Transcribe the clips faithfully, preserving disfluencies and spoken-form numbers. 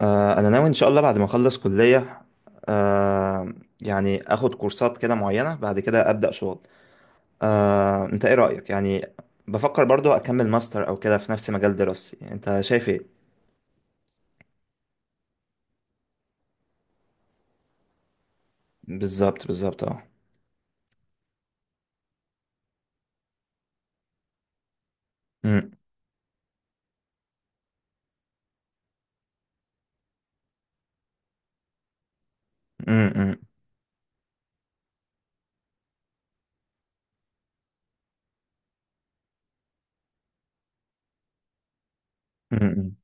آه، انا ناوي ان شاء الله بعد ما اخلص كلية. آه، يعني اخد كورسات كده معينة بعد كده ابدأ شغل. آه، انت ايه رأيك؟ يعني بفكر برضو اكمل ماستر او كده في نفس مجال دراستي، انت شايف ايه؟ بالظبط بالظبط، اه. أمم، أمم، أمم، أمم.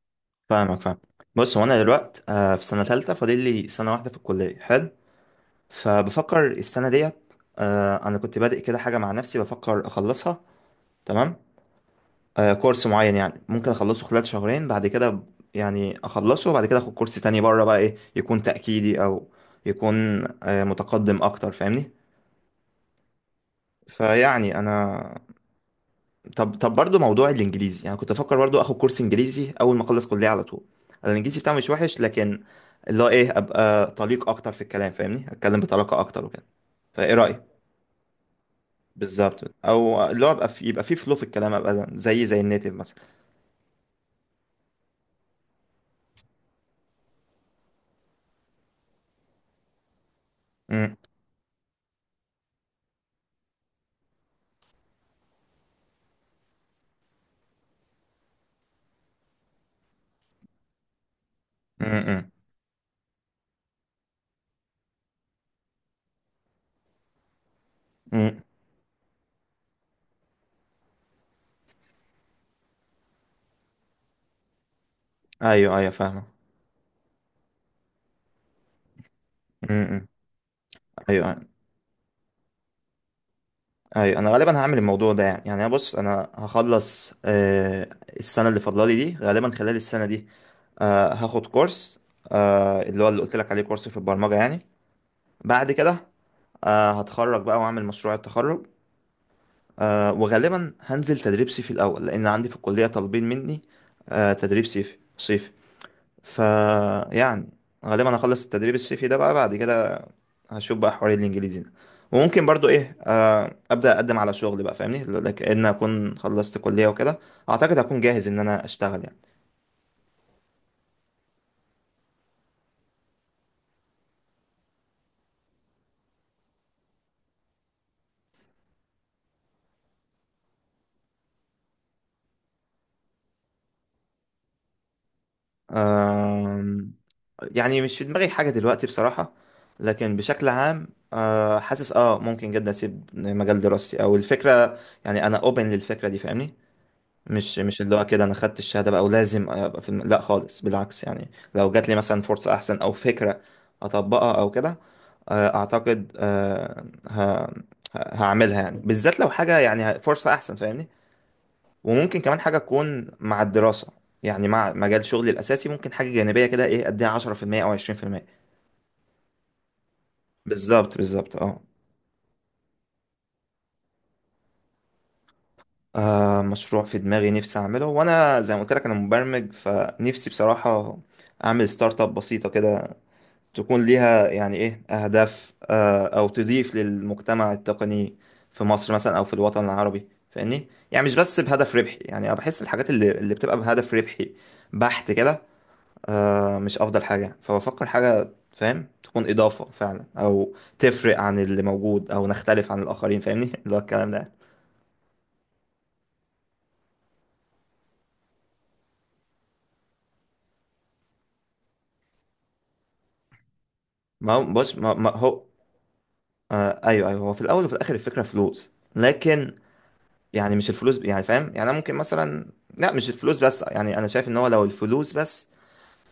فاهمك، فاهم. بص، هو انا دلوقت آه، في سنة تالتة، فاضل لي سنة واحدة في الكلية، حلو. فبفكر السنة ديت، آه، انا كنت بادئ كده حاجة مع نفسي، بفكر اخلصها. تمام. آه، كورس معين يعني ممكن اخلصه خلال شهرين، بعد كده ب- يعني اخلصه، وبعد كده اخد كورس تاني بره بقى، ايه، يكون تأكيدي او يكون آه، متقدم اكتر، فاهمني. فيعني انا، طب طب برضو موضوع الانجليزي، يعني كنت افكر برضو اخد كورس انجليزي اول ما اخلص كلية على طول. أنا الانجليزي بتاعي مش وحش، لكن اللي هو ايه، ابقى طليق اكتر في الكلام، فاهمني، اتكلم بطلاقة اكتر وكده. فايه رأيك؟ بالظبط، او اللي هو ابقى في يبقى في فلو في الكلام، ابقى زي زي النيتيف مثلا. م- م- م- م. ايوه ايوه، فاهمة. امم. ايوه ايوه، انا غالبا هعمل الموضوع ده يعني، يعني انا، بص انا هخلص، آه السنه اللي فاضلالي دي، غالبا خلال السنه دي آه هاخد كورس، آه اللي هو اللي قلت لك عليه، كورس في البرمجه يعني. بعد كده آه هتخرج بقى واعمل مشروع التخرج. آه وغالبا هنزل تدريب صيفي الاول، لان عندي في الكليه طالبين مني آه تدريب صيفي صيفي. ف يعني غالبا هخلص التدريب الصيفي ده بقى، بعد كده هشوف بقى حوار الانجليزي ده. وممكن برضو ايه، آه، ابدا اقدم على شغل بقى، فاهمني، لكن اكون خلصت كليه وكده. اعتقد هكون جاهز ان انا اشتغل يعني. آم، يعني مش في دماغي حاجه دلوقتي بصراحه، لكن بشكل عام آه، حاسس اه ممكن جدا اسيب مجال دراستي او الفكره، يعني انا اوبن للفكره دي، فاهمني. مش مش اللي هو كده انا خدت الشهاده بقى ولازم ابقى في الم... لا خالص، بالعكس، يعني لو جات لي مثلا فرصه احسن او فكره اطبقها او كده، آه، اعتقد آه، ه... ه- هعملها، يعني بالذات لو حاجه يعني ه- فرصه احسن، فاهمني. وممكن كمان حاجه تكون مع الدراسه، يعني مع مجال شغلي الاساسي ممكن حاجه جانبيه كده، ايه، اديها عشرة في المئة او عشرين في المئة. بالظبط بالظبط، اه. آه، مشروع في دماغي نفسي اعمله، وانا زي ما قلت لك انا مبرمج، فنفسي بصراحه اعمل ستارت اب بسيطه كده، تكون ليها يعني ايه اهداف، آه، او تضيف للمجتمع التقني في مصر مثلا او في الوطن العربي، فاهمني، يعني مش بس بهدف ربحي. يعني انا بحس الحاجات اللي اللي بتبقى بهدف ربحي بحت كده، آه، مش افضل حاجة. فبفكر حاجة، فاهم، تكون اضافة فعلا، او تفرق عن اللي موجود، او نختلف عن الاخرين، فاهمني اللي هو الكلام ده. ما هو بص، ما ما هو آه، ايوه ايوه، هو في الاول وفي الاخر الفكرة فلوس، لكن يعني مش الفلوس، ب- يعني فاهم، يعني انا ممكن مثلا، لا، مش الفلوس بس، يعني انا شايف ان هو لو الفلوس بس،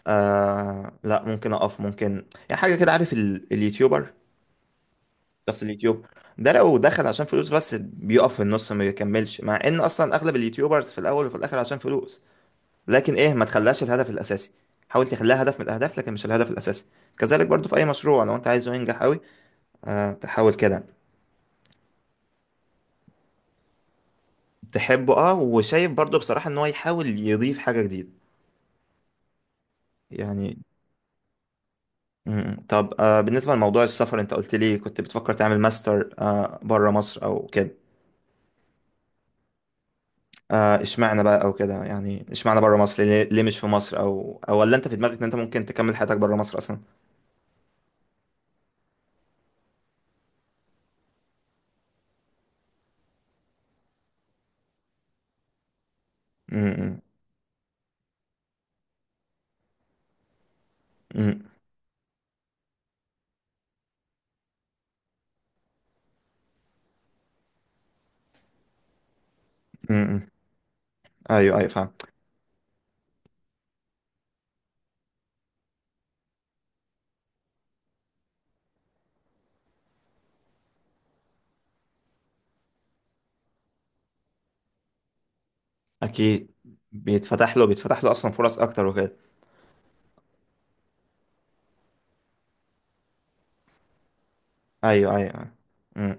آه لا، ممكن اقف، ممكن يعني حاجه كده، عارف ال... اليوتيوبر، شخص اليوتيوب ده لو دخل عشان فلوس بس، بيقف في النص، ما بيكملش، مع ان اصلا اغلب اليوتيوبرز في الاول وفي الاخر عشان فلوس. لكن ايه، ما تخليهاش الهدف الاساسي. حاول تخليها هدف من الاهداف، لكن مش الهدف الاساسي. كذلك برضو في اي مشروع لو انت عايزه ينجح قوي، آه تحاول كده تحبه، اه وشايف برضو بصراحه ان هو يحاول يضيف حاجه جديده يعني. مم. طب آه بالنسبة لموضوع السفر، انت قلت لي كنت بتفكر تعمل ماستر آه بره مصر او كده، آه اشمعنى بقى او كده؟ يعني اشمعنى بره مصر، ليه, ليه مش في مصر، او او ولا انت في دماغك ان انت ممكن تكمل حياتك بره مصر اصلا؟ مم. مم. مم. ايوه ايوه، فاهم. اكيد، بيتفتح له بيتفتح له اصلا فرص اكتر وكده. ايوه ايوه، أيوة. مم.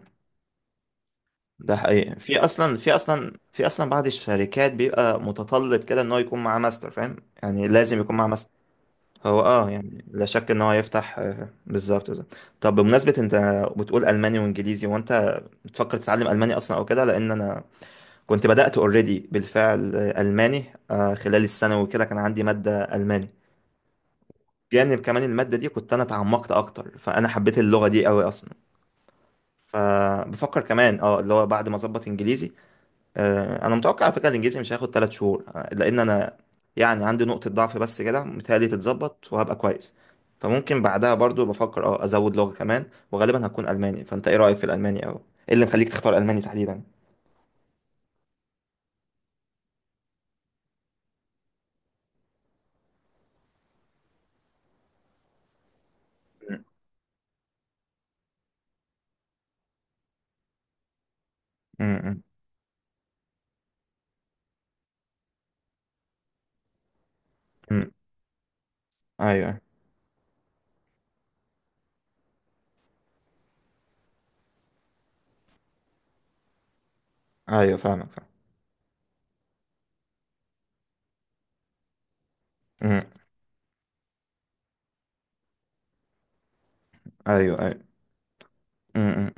ده حقيقي، في اصلا في اصلا في اصلا بعض الشركات بيبقى متطلب كده، ان هو يكون معاه ماستر، فاهم، يعني لازم يكون معاه ماستر. هو، اه يعني لا شك ان هو يفتح، آه، بالظبط بالظبط. طب بمناسبة، انت بتقول الماني وانجليزي، وانت بتفكر تتعلم الماني اصلا او كده؟ لان انا كنت بدأت اوريدي بالفعل آه، الماني آه، خلال الثانوي وكده، كان عندي مادة الماني. جانب كمان المادة دي كنت انا اتعمقت اكتر، فانا حبيت اللغة دي قوي اصلا. فبفكر كمان اه اللي هو بعد ما اظبط انجليزي، آه، انا متوقع على فكره الانجليزي مش هياخد 3 شهور، آه، لان انا يعني عندي نقطه ضعف بس كده، متهيألي تتظبط وهبقى كويس. فممكن بعدها برضو بفكر اه ازود لغه كمان، وغالبا هتكون الماني. فانت ايه رايك في الالماني، او ايه اللي مخليك تختار الماني تحديدا؟ م- م- م. ايوه ايوه، فاهمك، فاهم. م- ايوه ايوه. م- م.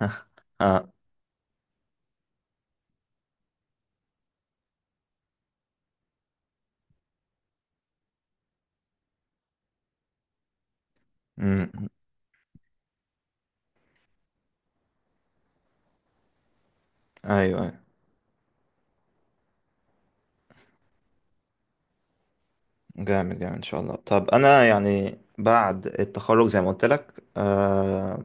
اه. م- م. ايوه ايوه، جامد جامد ان شاء الله. طب انا يعني بعد التخرج زي ما قلت لك، آه،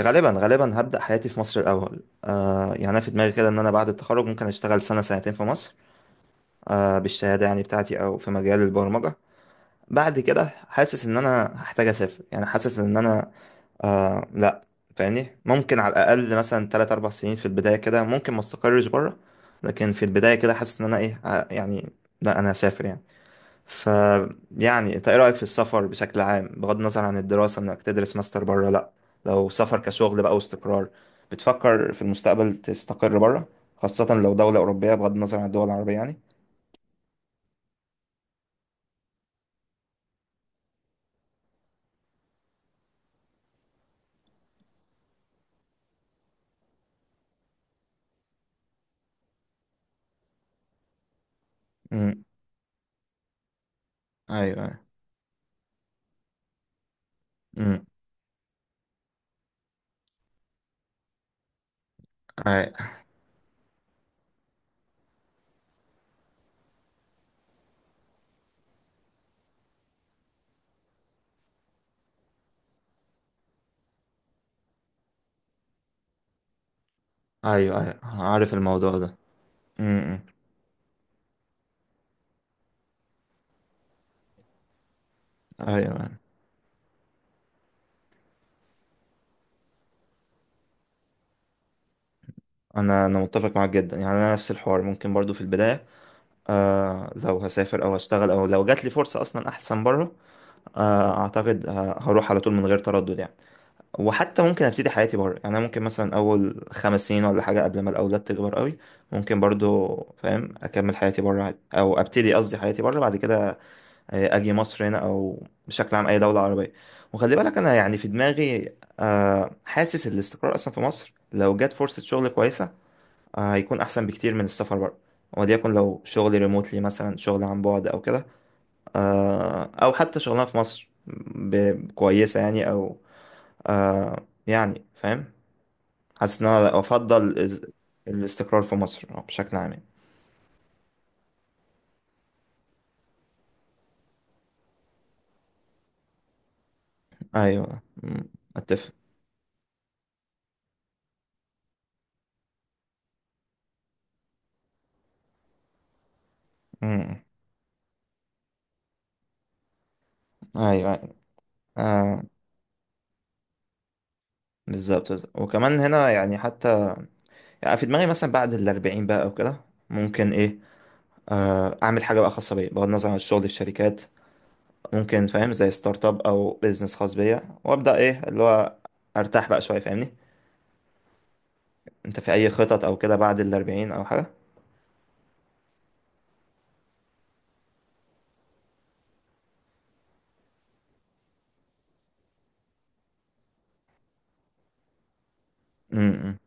غالبا غالبا هبدأ حياتي في مصر الأول. آه يعني أنا في دماغي كده، إن أنا بعد التخرج ممكن أشتغل سنة سنتين في مصر آه بالشهادة يعني بتاعتي، أو في مجال البرمجة. بعد كده حاسس إن أنا هحتاج أسافر، يعني حاسس إن أنا آه لأ فاهمني، ممكن على الأقل مثلا تلات أربع سنين في البداية كده، ممكن ما استقرش بره، لكن في البداية كده حاسس إن أنا إيه، آه، يعني لأ، أنا هسافر يعني. ف يعني انت ايه رأيك في السفر بشكل عام، بغض النظر عن الدراسة انك تدرس ماستر بره؟ لا، لو سفر كشغل بقى واستقرار، بتفكر في المستقبل تستقر بره؟ خاصة لو دولة أوروبية، بغض النظر عن الدول العربية يعني. امم. ايوه ايوه. امم. ايوه ايوه. ايوه عارف الموضوع ده. امم. ايوه، أيوة. انا انا متفق معاك جدا، يعني انا نفس الحوار. ممكن برضو في البداية آه لو هسافر او هشتغل، او لو جات لي فرصة اصلا احسن بره، آه اعتقد ه- هروح على طول من غير تردد يعني. وحتى ممكن ابتدي حياتي بره، يعني انا ممكن مثلا اول خمس سنين ولا حاجه، قبل ما الاولاد تكبر قوي ممكن برضو، فاهم، اكمل حياتي بره عادي، او ابتدي، قصدي، حياتي بره. بعد كده آه، اجي مصر هنا، او بشكل عام اي دوله عربيه. وخلي بالك انا، يعني في دماغي آه، حاسس الاستقرار اصلا في مصر، لو جت فرصه شغل كويسه آه، هيكون احسن بكتير من السفر بره. وليكن لو شغل ريموتلي مثلا، شغل عن بعد او كده، آه، او حتى شغلانه في مصر ب- كويسه يعني، او آه، يعني فاهم، حاسس ان انا افضل إز- الاستقرار في مصر، آه، بشكل عام. ايوه. أمم. اتفق. أمم. ايوه، أيوة. آه، بالظبط بالظبط. وكمان هنا يعني، حتى يعني في دماغي مثلا بعد الأربعين بقى او كده، ممكن ايه، آه اعمل حاجه بقى خاصه بيا، بغض النظر عن الشغل، الشركات، ممكن فاهم، زي ستارت اب او بيزنس خاص بيا، وابدا ايه اللي هو ارتاح بقى شويه، فاهمني. انت في اي خطط او كده بعد الأربعين او حاجه؟ أمم،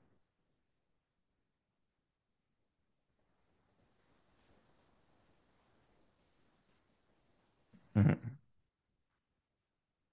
أمم.